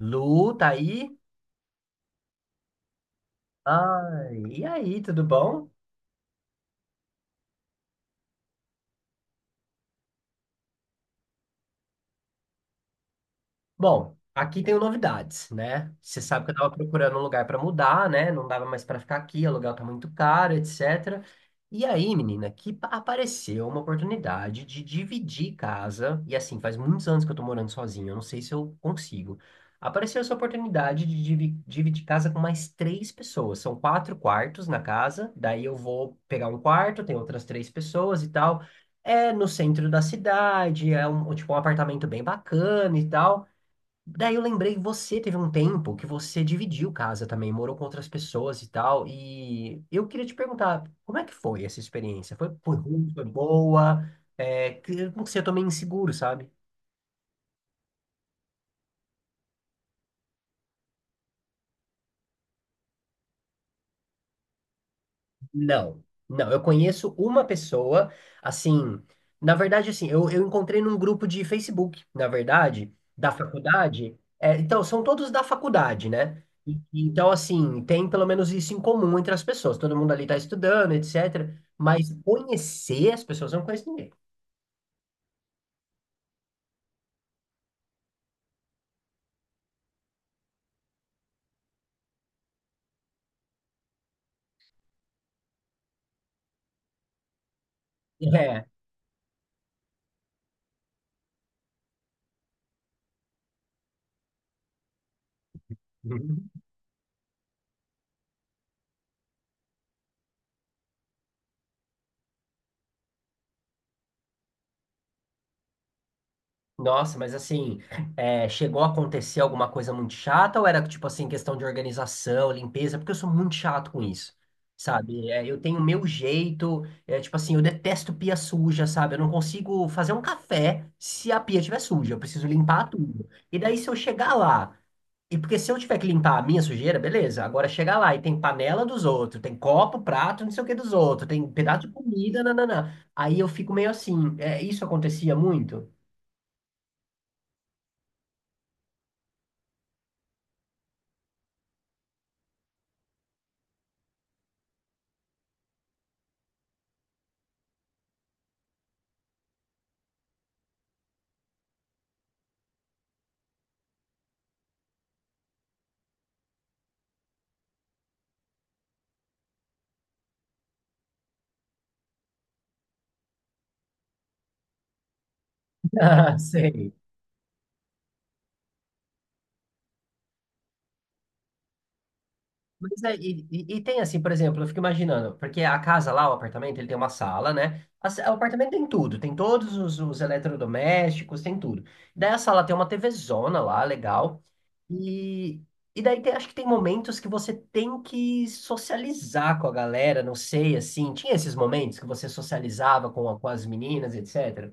Lu, tá aí? Ai, e aí, tudo bom? Bom, aqui tenho novidades, né? Você sabe que eu tava procurando um lugar para mudar, né? Não dava mais para ficar aqui, o aluguel tá muito caro, etc. E aí, menina, apareceu uma oportunidade de dividir casa, e assim, faz muitos anos que eu tô morando sozinho, eu não sei se eu consigo. Apareceu essa oportunidade de dividir casa com mais três pessoas. São quatro quartos na casa, daí eu vou pegar um quarto, tem outras três pessoas e tal. É no centro da cidade, é um, tipo, um apartamento bem bacana e tal. Daí eu lembrei que você teve um tempo que você dividiu casa também, morou com outras pessoas e tal. E eu queria te perguntar, como é que foi essa experiência? Foi ruim, foi boa? É, não sei, eu tô meio inseguro, sabe? Não, não, eu conheço uma pessoa, assim, na verdade, assim, eu encontrei num grupo de Facebook, na verdade, da faculdade, é, então, são todos da faculdade, né? Então, assim, tem pelo menos isso em comum entre as pessoas, todo mundo ali tá estudando, etc, mas conhecer as pessoas, eu não conheço ninguém. É. Nossa, mas assim, é, chegou a acontecer alguma coisa muito chata ou era tipo assim, questão de organização, limpeza? Porque eu sou muito chato com isso, sabe? É, eu tenho o meu jeito, é, tipo assim, eu detesto pia suja, sabe? Eu não consigo fazer um café se a pia estiver suja, eu preciso limpar tudo. E daí se eu chegar lá, e porque se eu tiver que limpar a minha sujeira, beleza, agora chega lá e tem panela dos outros, tem copo, prato, não sei o que dos outros, tem pedaço de comida, nananã. Aí eu fico meio assim, é, isso acontecia muito? Ah, sei. Mas é, e tem assim, por exemplo, eu fico imaginando, porque a casa lá, o apartamento, ele tem uma sala, né? O apartamento tem tudo, tem todos os eletrodomésticos, tem tudo. Daí a sala tem uma TVzona lá, legal. E, e acho que tem momentos que você tem que socializar com a galera, não sei, assim. Tinha esses momentos que você socializava com, com as meninas, etc.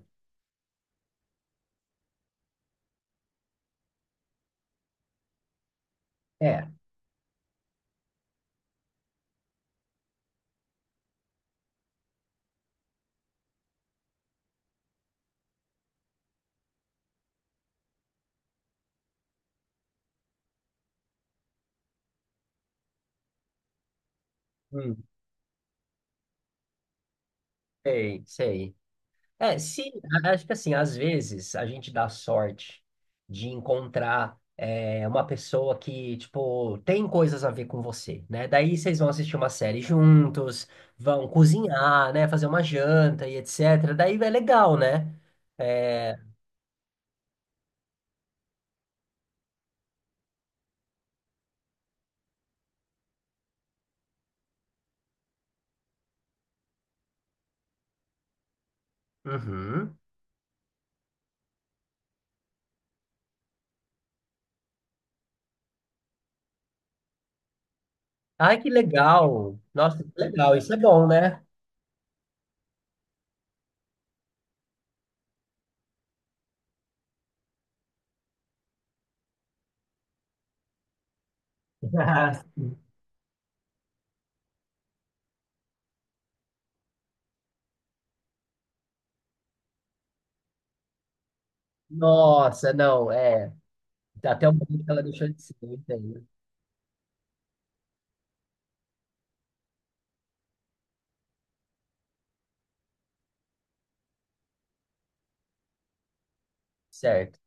É, hum, sei, sei. É, se, acho que assim, às vezes a gente dá sorte de encontrar é, uma pessoa que, tipo, tem coisas a ver com você, né? Daí vocês vão assistir uma série juntos, vão cozinhar, né? Fazer uma janta e etc. Daí é legal, né? É... Uhum. Ai, que legal! Nossa, que legal, isso é bom, né? Nossa, não, é. Até o momento que ela deixou de ser, eu entendo. Certo.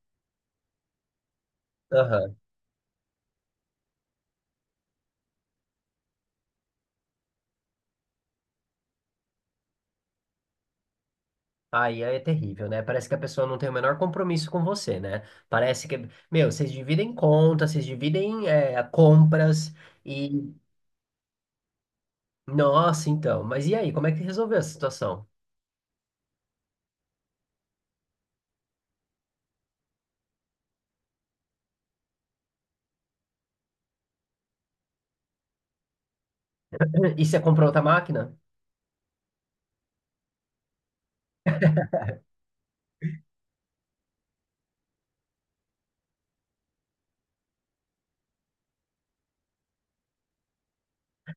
Aí é terrível, né? Parece que a pessoa não tem o menor compromisso com você, né? Parece que, meu, vocês dividem contas, vocês dividem é, compras e. Nossa, então. Mas e aí, como é que resolveu essa situação? E você comprou outra máquina?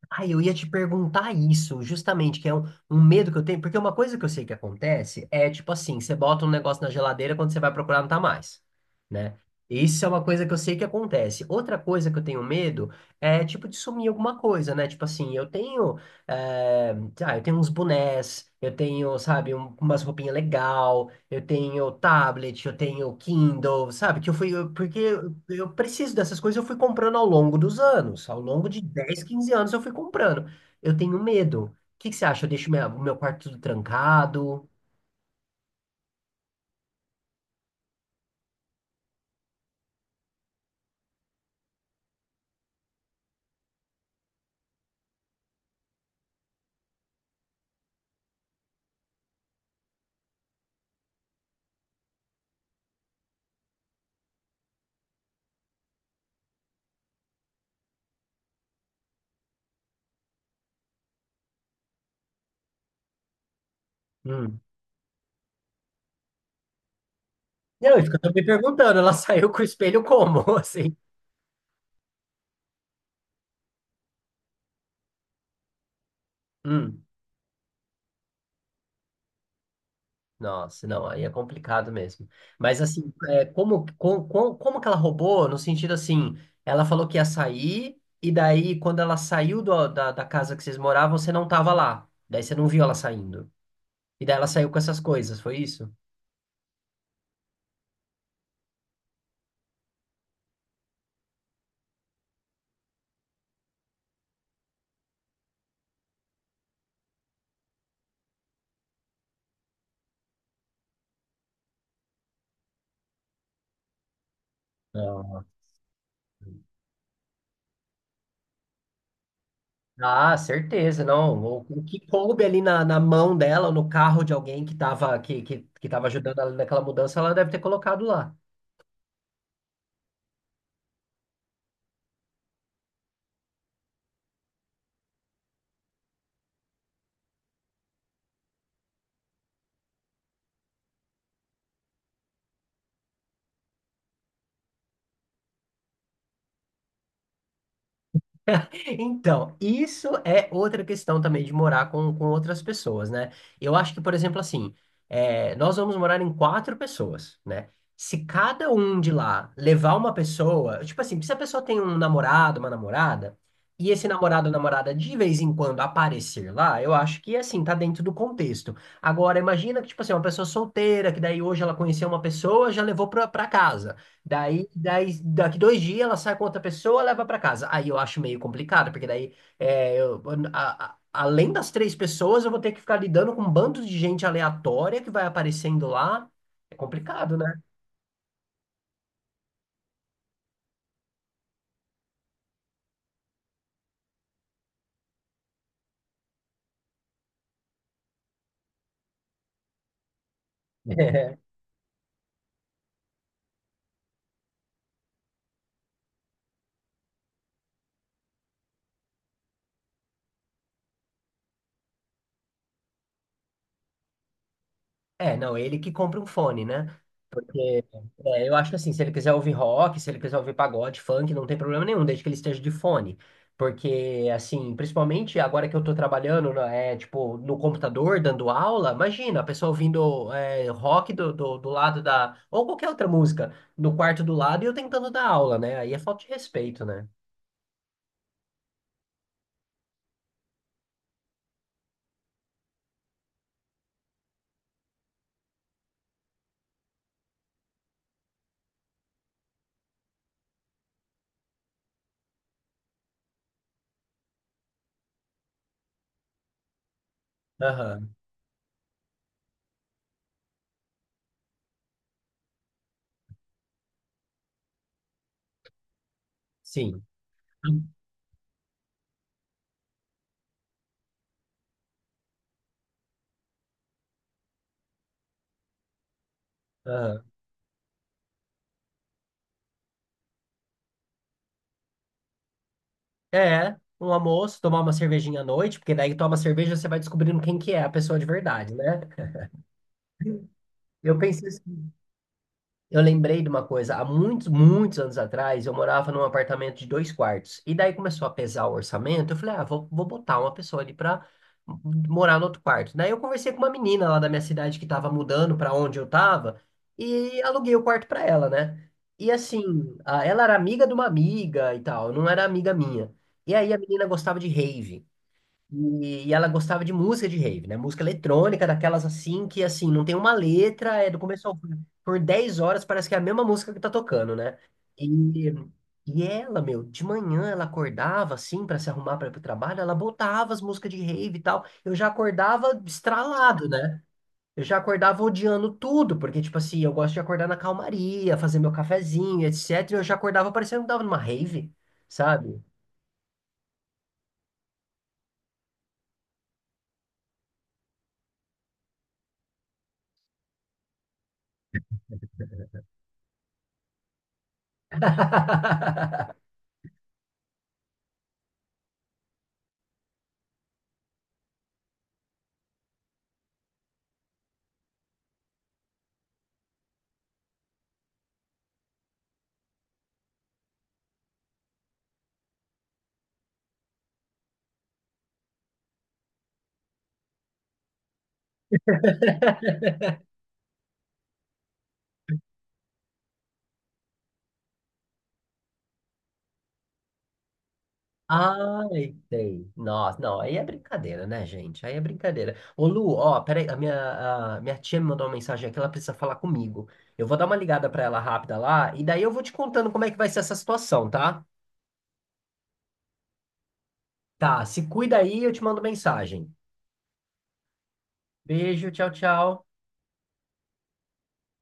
Ah, eu ia te perguntar isso, justamente, que é um, um medo que eu tenho, porque uma coisa que eu sei que acontece é tipo assim, você bota um negócio na geladeira, quando você vai procurar não tá mais, né? Isso é uma coisa que eu sei que acontece. Outra coisa que eu tenho medo é tipo de sumir alguma coisa, né? Tipo assim, eu tenho, eh, eu tenho uns bonés, eu tenho, sabe, umas roupinhas legal, eu tenho tablet, eu tenho Kindle, sabe? Que eu fui, porque eu preciso dessas coisas, eu fui comprando ao longo dos anos, ao longo de 10 15 anos eu fui comprando. Eu tenho medo. O que que você acha? Eu deixo o meu quarto tudo trancado? Hum. Não, isso que eu tô me perguntando, ela saiu com o espelho como, assim? Hum. Nossa, não, aí é complicado mesmo. Mas assim, é, como que ela roubou? No sentido assim, ela falou que ia sair, e daí quando ela saiu da, da casa que vocês moravam, você não tava lá. Daí você não viu ela saindo. E daí ela saiu com essas coisas, foi isso? Ah, certeza, não. O que coube ali na, na mão dela, no carro de alguém que estava que tava ajudando ela naquela mudança, ela deve ter colocado lá. Então, isso é outra questão também de morar com outras pessoas, né? Eu acho que, por exemplo, assim, é, nós vamos morar em quatro pessoas, né? Se cada um de lá levar uma pessoa, tipo assim, se a pessoa tem um namorado, uma namorada, e esse namorado ou namorada de vez em quando aparecer lá, eu acho que, assim, tá dentro do contexto. Agora, imagina que, tipo assim, uma pessoa solteira, que daí hoje ela conheceu uma pessoa, já levou pra, pra casa. Daqui dois dias ela sai com outra pessoa, leva pra casa. Aí eu acho meio complicado, porque daí, é, além das três pessoas, eu vou ter que ficar lidando com um bando de gente aleatória que vai aparecendo lá. É complicado, né? É, não, ele que compra um fone, né? É, é, eu acho que assim, se ele quiser ouvir rock, se ele quiser ouvir pagode, funk, não tem problema nenhum, desde que ele esteja de fone. Porque, assim, principalmente agora que eu tô trabalhando, né, é, tipo, no computador, dando aula, imagina, a pessoa ouvindo é, rock do lado da... Ou qualquer outra música, no quarto do lado e eu tentando dar aula, né? Aí é falta de respeito, né? Aham, sim. Aham. É, um almoço, tomar uma cervejinha à noite, porque daí toma cerveja, você vai descobrindo quem que é a pessoa de verdade, né? Eu pensei. Eu lembrei de uma coisa, há muitos anos atrás, eu morava num apartamento de dois quartos. E daí começou a pesar o orçamento. Eu falei, ah, vou botar uma pessoa ali pra morar no outro quarto. Daí eu conversei com uma menina lá da minha cidade que tava mudando pra onde eu tava e aluguei o quarto pra ela, né? E assim, ela era amiga de uma amiga e tal, não era amiga minha. E aí a menina gostava de rave. E ela gostava de música de rave, né? Música eletrônica, daquelas assim, que assim, não tem uma letra, é do começo ao fim. Por 10 horas parece que é a mesma música que tá tocando, né? E, e ela, meu, de manhã ela acordava assim pra se arrumar pra ir pro trabalho, ela botava as músicas de rave e tal. Eu já acordava estralado, né? Eu já acordava odiando tudo, porque, tipo assim, eu gosto de acordar na calmaria, fazer meu cafezinho, etc. E eu já acordava parecendo que tava numa rave, sabe? Ai, tem. Nossa, não, aí é brincadeira, né, gente? Aí é brincadeira. Ô, Lu, ó, peraí, a minha tia me mandou uma mensagem aqui, ela precisa falar comigo. Eu vou dar uma ligada pra ela rápida lá, e daí eu vou te contando como é que vai ser essa situação, tá? Tá, se cuida aí, eu te mando mensagem. Beijo, tchau, tchau.